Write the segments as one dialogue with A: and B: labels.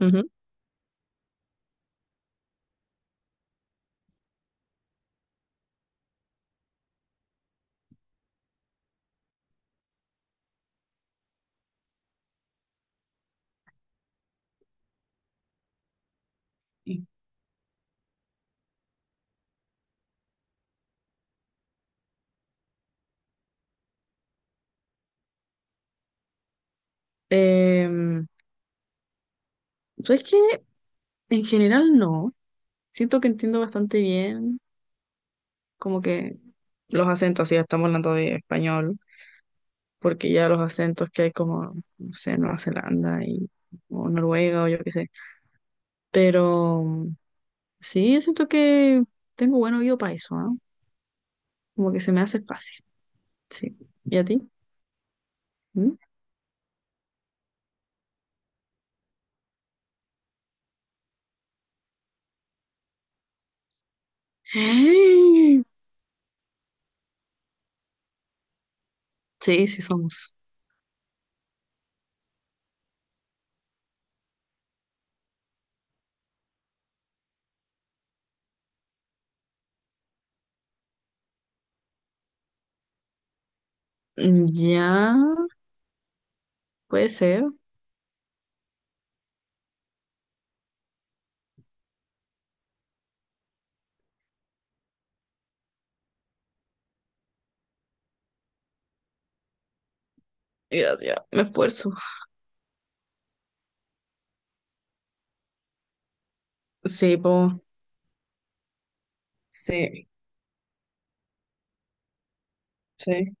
A: Ujú. Em, ¿Sabes qué? En general no. Siento que entiendo bastante bien, como que los acentos, si ya estamos hablando de español, porque ya los acentos que hay como, no sé, Nueva Zelanda y, o Noruega o yo qué sé. Pero sí, yo siento que tengo buen oído para eso, ¿no? Como que se me hace fácil. Sí. ¿Y a ti? ¿Mm? Sí, sí somos. Mm, ya, puede ser. Gracias, me esfuerzo. Sí, po, sí. Sí,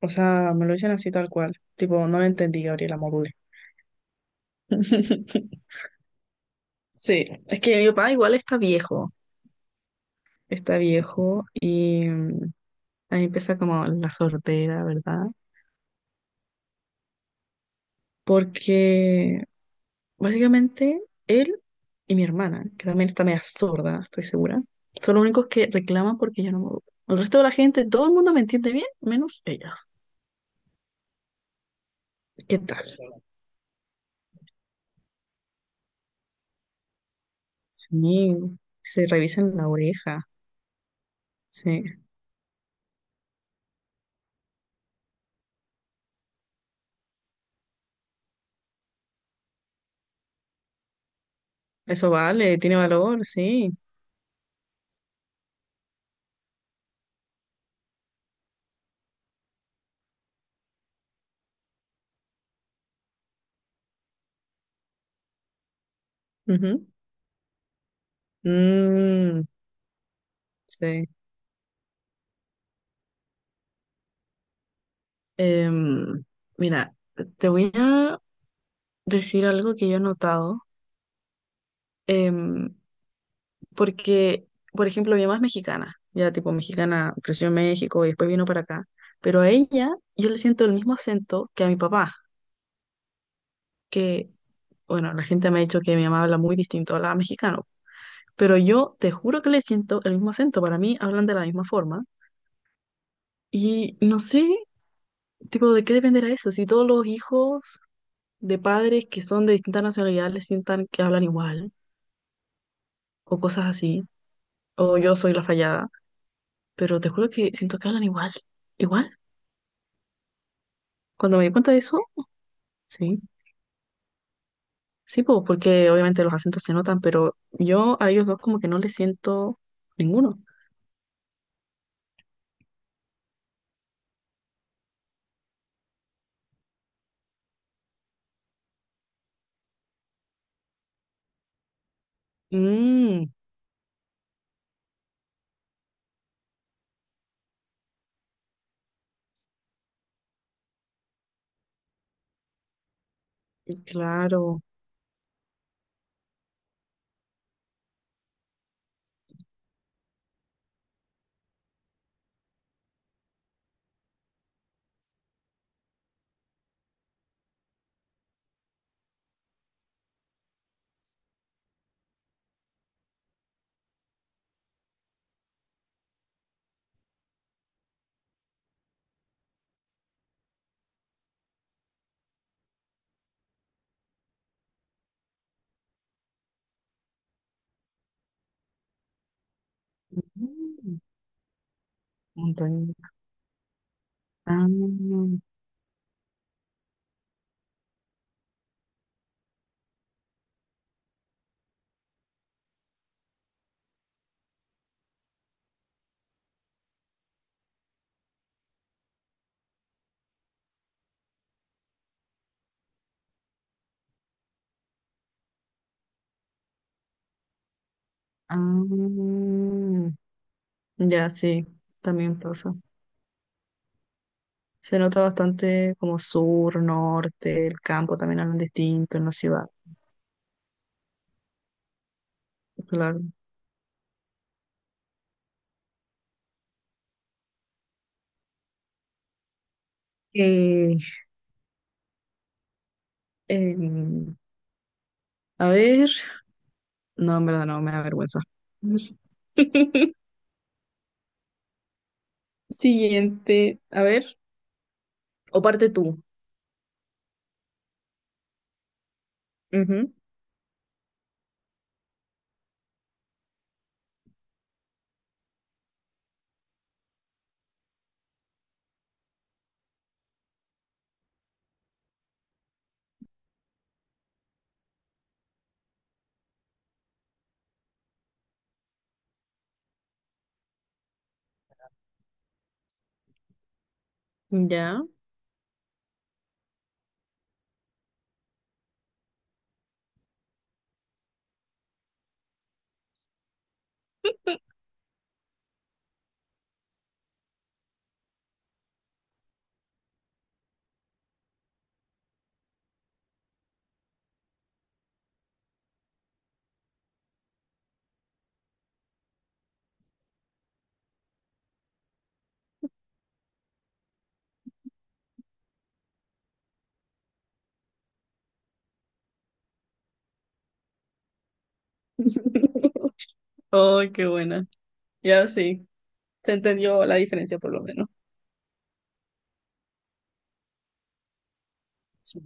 A: o sea, me lo dicen así tal cual. Tipo, no lo entendí, Gabriela, module. Sí, es que mi papá igual está viejo y ahí empieza como la sordera, ¿verdad? Porque básicamente él y mi hermana, que también está media sorda, estoy segura, son los únicos que reclaman porque yo no me educo. El resto de la gente, todo el mundo me entiende bien, menos ella. ¿Qué tal? Sí, se revisan la oreja, sí. Eso vale, tiene valor, sí. Ujú. Mm, sí. Em, Mira, te voy a decir algo que yo he notado, em, porque, por ejemplo, mi mamá es mexicana, ya tipo mexicana, creció en México y después vino para acá, pero a ella yo le siento el mismo acento que a mi papá, que, bueno, la gente me ha dicho que mi mamá habla muy distinto a la mexicano, pero yo te juro que le siento el mismo acento, para mí hablan de la misma forma y no sé, tipo, ¿de qué dependerá eso? Si todos los hijos de padres que son de distintas nacionalidades les sientan que hablan igual, o cosas así, o yo soy la fallada, pero te juro que siento que hablan igual, igual. Cuando me di cuenta de eso, sí, sí, pues, porque obviamente los acentos se notan, pero yo a ellos dos como que no les siento ninguno. Mm, claro. Mm, montaña. Ah, ah, ya, sí, también pasa. Se nota bastante como sur, norte, el campo también hablan distinto en la ciudad. Claro. Eh, em, a ver, no, en verdad no, me da vergüenza. Siguiente, a ver, o parte tú. Ujú, ya. Oh, qué buena. Ya sí, se entendió la diferencia por lo menos. Sí.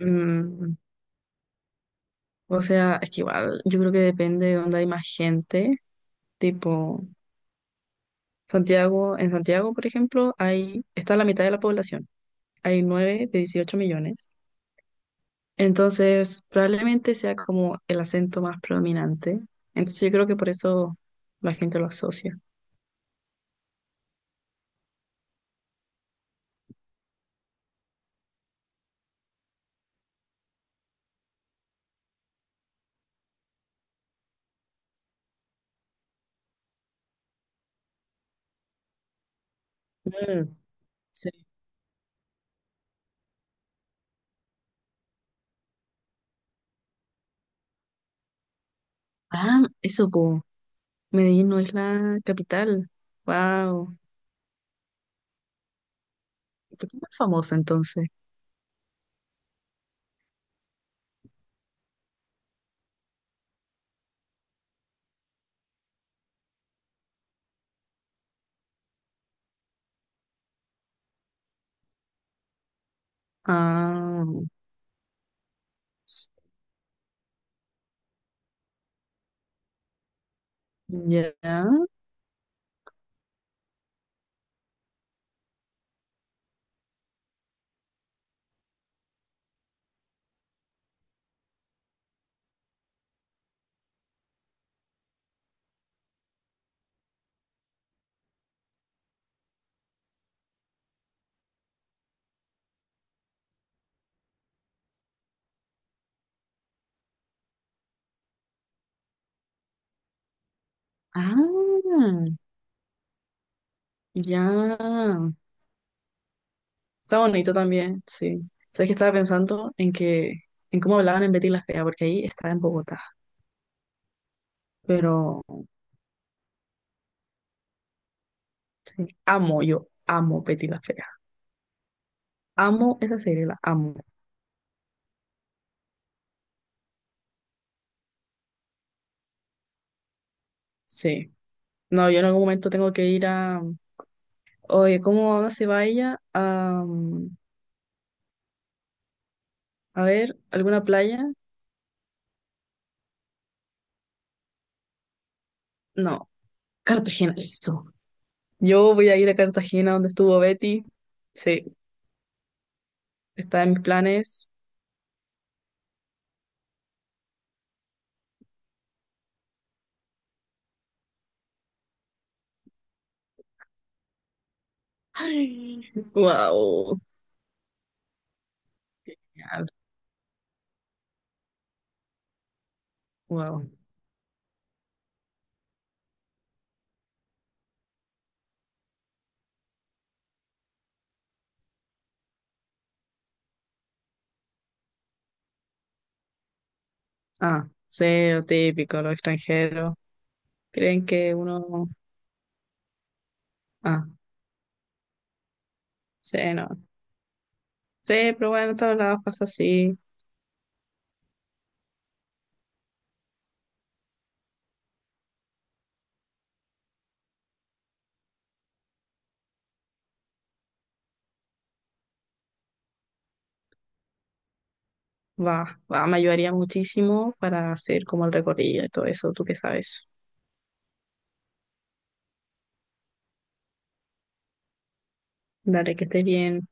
A: Mm, o sea, es que igual, yo creo que depende de dónde hay más gente, tipo. Santiago, en Santiago, por ejemplo, hay, está la mitad de la población. Hay 9 de 18 millones. Entonces, probablemente sea como el acento más predominante. Entonces, yo creo que por eso la gente lo asocia. Mm. Sí. Ah, eso, po. Medellín no es la capital. Wow. ¿Por qué es más famosa entonces? Ah, ya. Ah, ya. Está bonito también, sí. Sabes que estaba pensando en que, en cómo hablaban en Betty la Fea, porque ahí estaba en Bogotá. Pero amo, yo amo Betty la Fea. Amo esa serie, la amo. Sí. No, yo en algún momento tengo que ir a. Oye, ¿cómo no se va ella a ver, alguna playa? No, Cartagena, listo. Yo voy a ir a Cartagena donde estuvo Betty. Sí, está en mis planes. Ay, wow. Wow. Ah, cero típico, los extranjeros. Creen que uno. Ah, sí, no. Sí, pero bueno, en todos lados pasa así. Va, va, me ayudaría muchísimo para hacer como el recorrido y todo eso, tú que sabes. Dale, que estés bien.